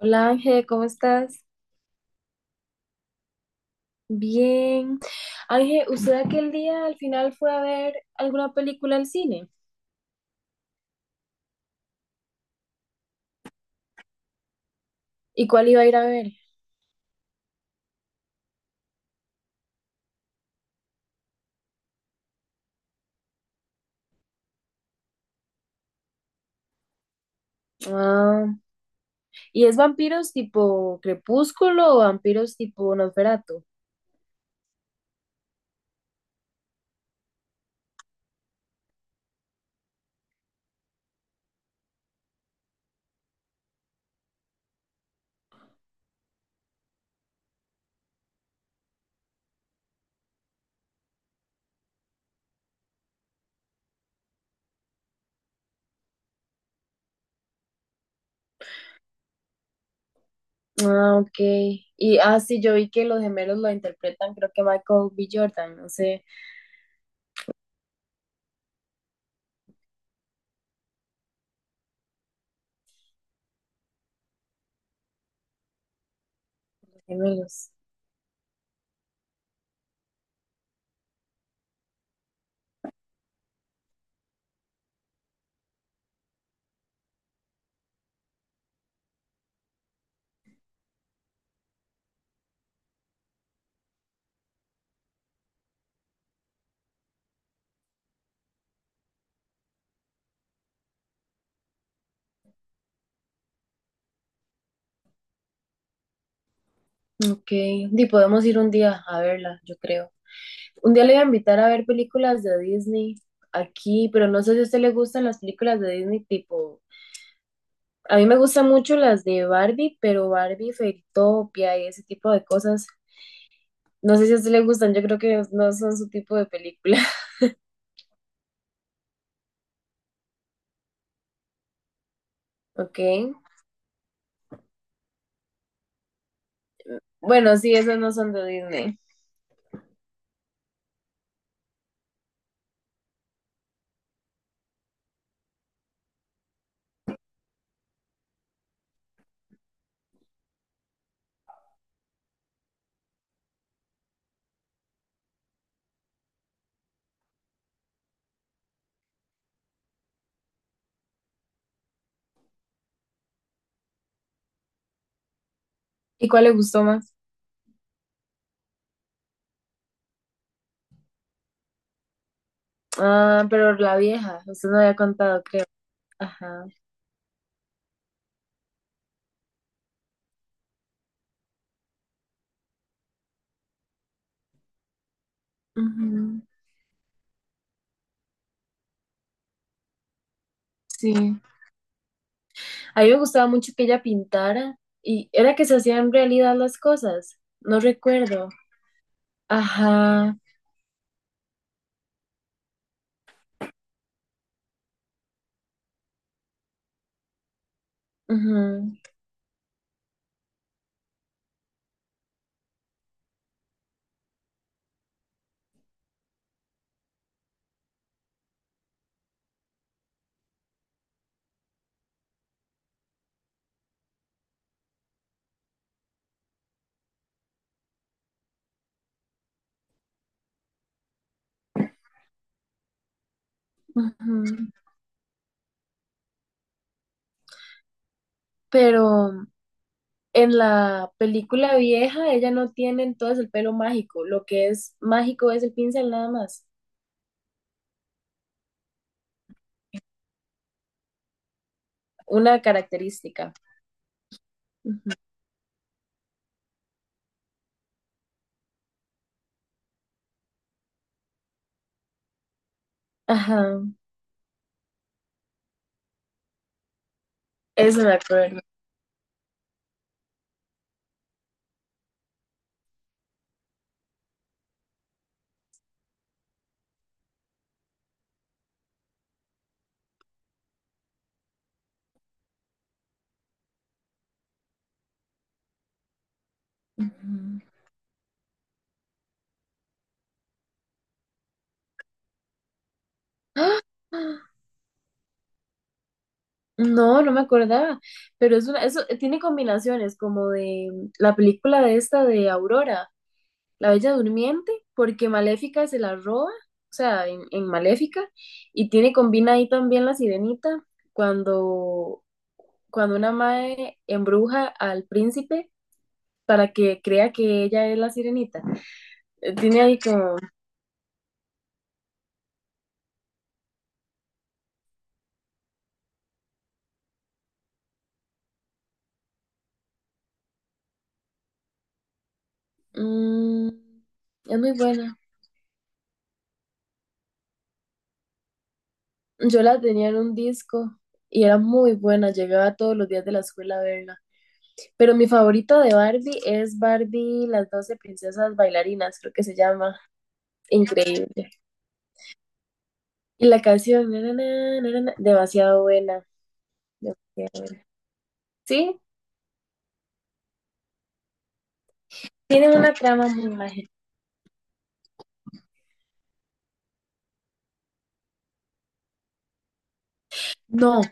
Hola Ángel, ¿cómo estás? Bien. Ángel, ¿usted aquel día al final fue a ver alguna película al cine? ¿Y cuál iba a ir a ver? Ah, ¿y es vampiros tipo Crepúsculo o vampiros tipo Nosferatu? Ah, ok. Y ah, sí, yo vi que los gemelos lo interpretan, creo que Michael B. Jordan, no sé, los gemelos. Ok. Y podemos ir un día a verla, yo creo. Un día le voy a invitar a ver películas de Disney aquí, pero no sé si a usted le gustan las películas de Disney tipo. A mí me gustan mucho las de Barbie, pero Barbie, Fairytopia y ese tipo de cosas. No sé si a usted le gustan, yo creo que no son su tipo de película. Ok. Bueno, sí, esas no son de Disney. ¿Y cuál le gustó más? Ah, pero la vieja, usted no había contado, creo. Ajá. Ujú, sí. A mí me gustaba mucho que ella pintara y era que se hacían realidad las cosas. No recuerdo. Ajá. Ujú, ujú. Pero en la película vieja, ella no tiene entonces el pelo mágico. Lo que es mágico es el pincel nada más. Una característica. Ujú. Ajá, eso me acuerdo. Ujú. ¡Ah! No, no me acordaba. Pero es una, eso tiene combinaciones como de la película de esta de Aurora, La Bella Durmiente, porque Maléfica se la roba, o sea, en Maléfica, y tiene, combina ahí también la Sirenita, cuando cuando una mae embruja al príncipe para que crea que ella es la sirenita. Tiene ahí como... mm, es muy buena. Yo la tenía en un disco y era muy buena. Llegaba todos los días de la escuela a verla. Pero mi favorita de Barbie es Barbie, las doce princesas bailarinas, creo que se llama. Increíble. Y la canción, na, na, na, na, na, demasiado buena. Demasiado buena. Sí, tiene una trama muy mágica. No,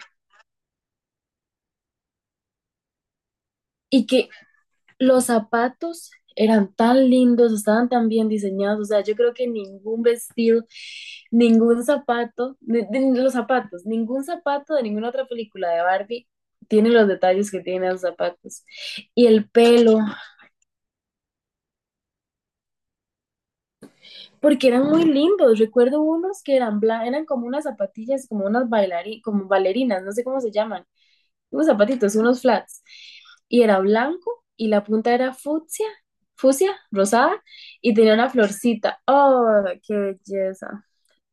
y que los zapatos eran tan lindos, estaban tan bien diseñados. O sea, yo creo que ningún vestido, ningún zapato, los zapatos, ningún zapato de ninguna otra película de Barbie tiene los detalles que tienen los zapatos. Y el pelo, porque eran muy lindos. Recuerdo unos que eran bla, eran como unas zapatillas, como unas como bailarinas, no sé cómo se llaman. Unos zapatitos, unos flats, y era blanco y la punta era fucsia, fucsia, rosada, y tenía una florcita. ¡Oh, qué belleza!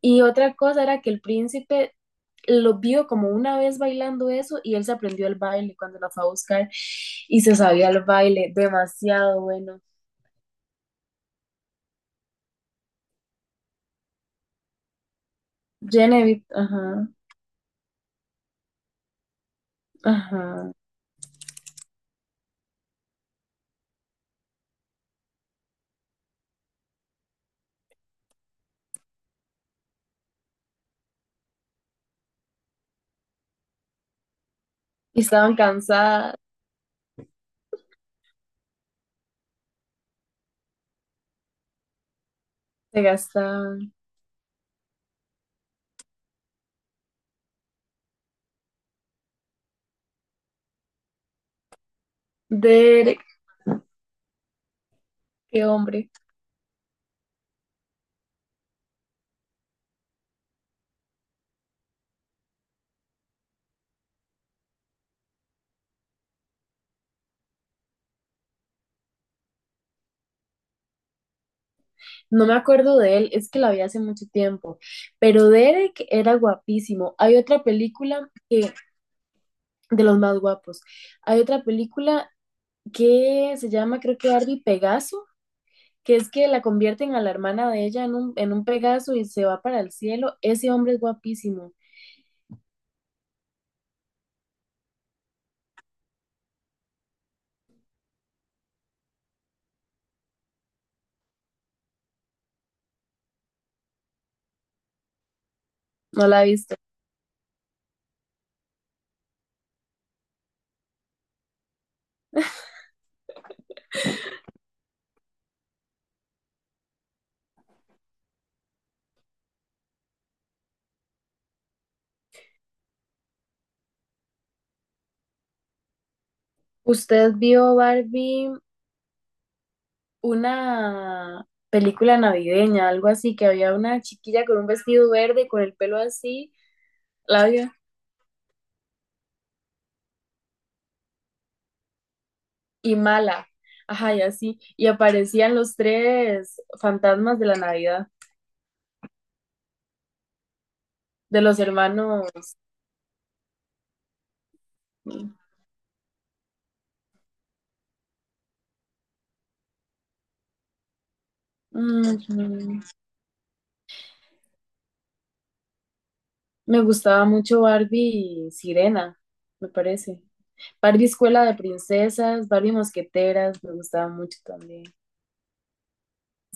Y otra cosa era que el príncipe lo vio como una vez bailando eso y él se aprendió el baile cuando la fue a buscar y se sabía el baile, demasiado bueno. Genevieve, ajá, ajá. Y estaban cansadas, se gastaban. Derek, qué hombre. No me acuerdo de él, es que la vi hace mucho tiempo, pero Derek era guapísimo. Hay otra película que, de los más guapos, hay otra película que se llama, creo que Barbie Pegaso, que es que la convierten a la hermana de ella en un Pegaso y se va para el cielo. Ese hombre es guapísimo, no la he visto. ¿Usted vio Barbie una película navideña, algo así, que había una chiquilla con un vestido verde, con el pelo así, la vio? Y mala. Ajá, y así. Y aparecían los tres fantasmas de la Navidad, de los hermanos. Mm, me gustaba mucho Barbie y Sirena, me parece. Barbie Escuela de Princesas, Barbie Mosqueteras, me gustaba mucho también.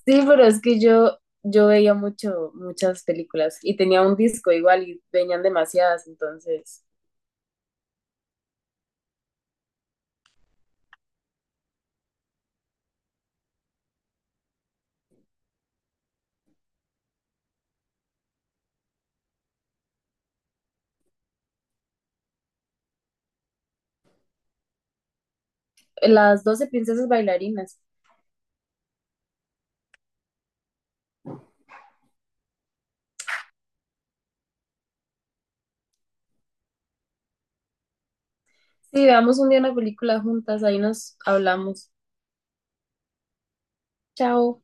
Sí, pero es que yo veía mucho, muchas películas y tenía un disco igual y venían demasiadas, entonces. Las doce princesas bailarinas. Sí, veamos un día una película juntas, ahí nos hablamos. Chao.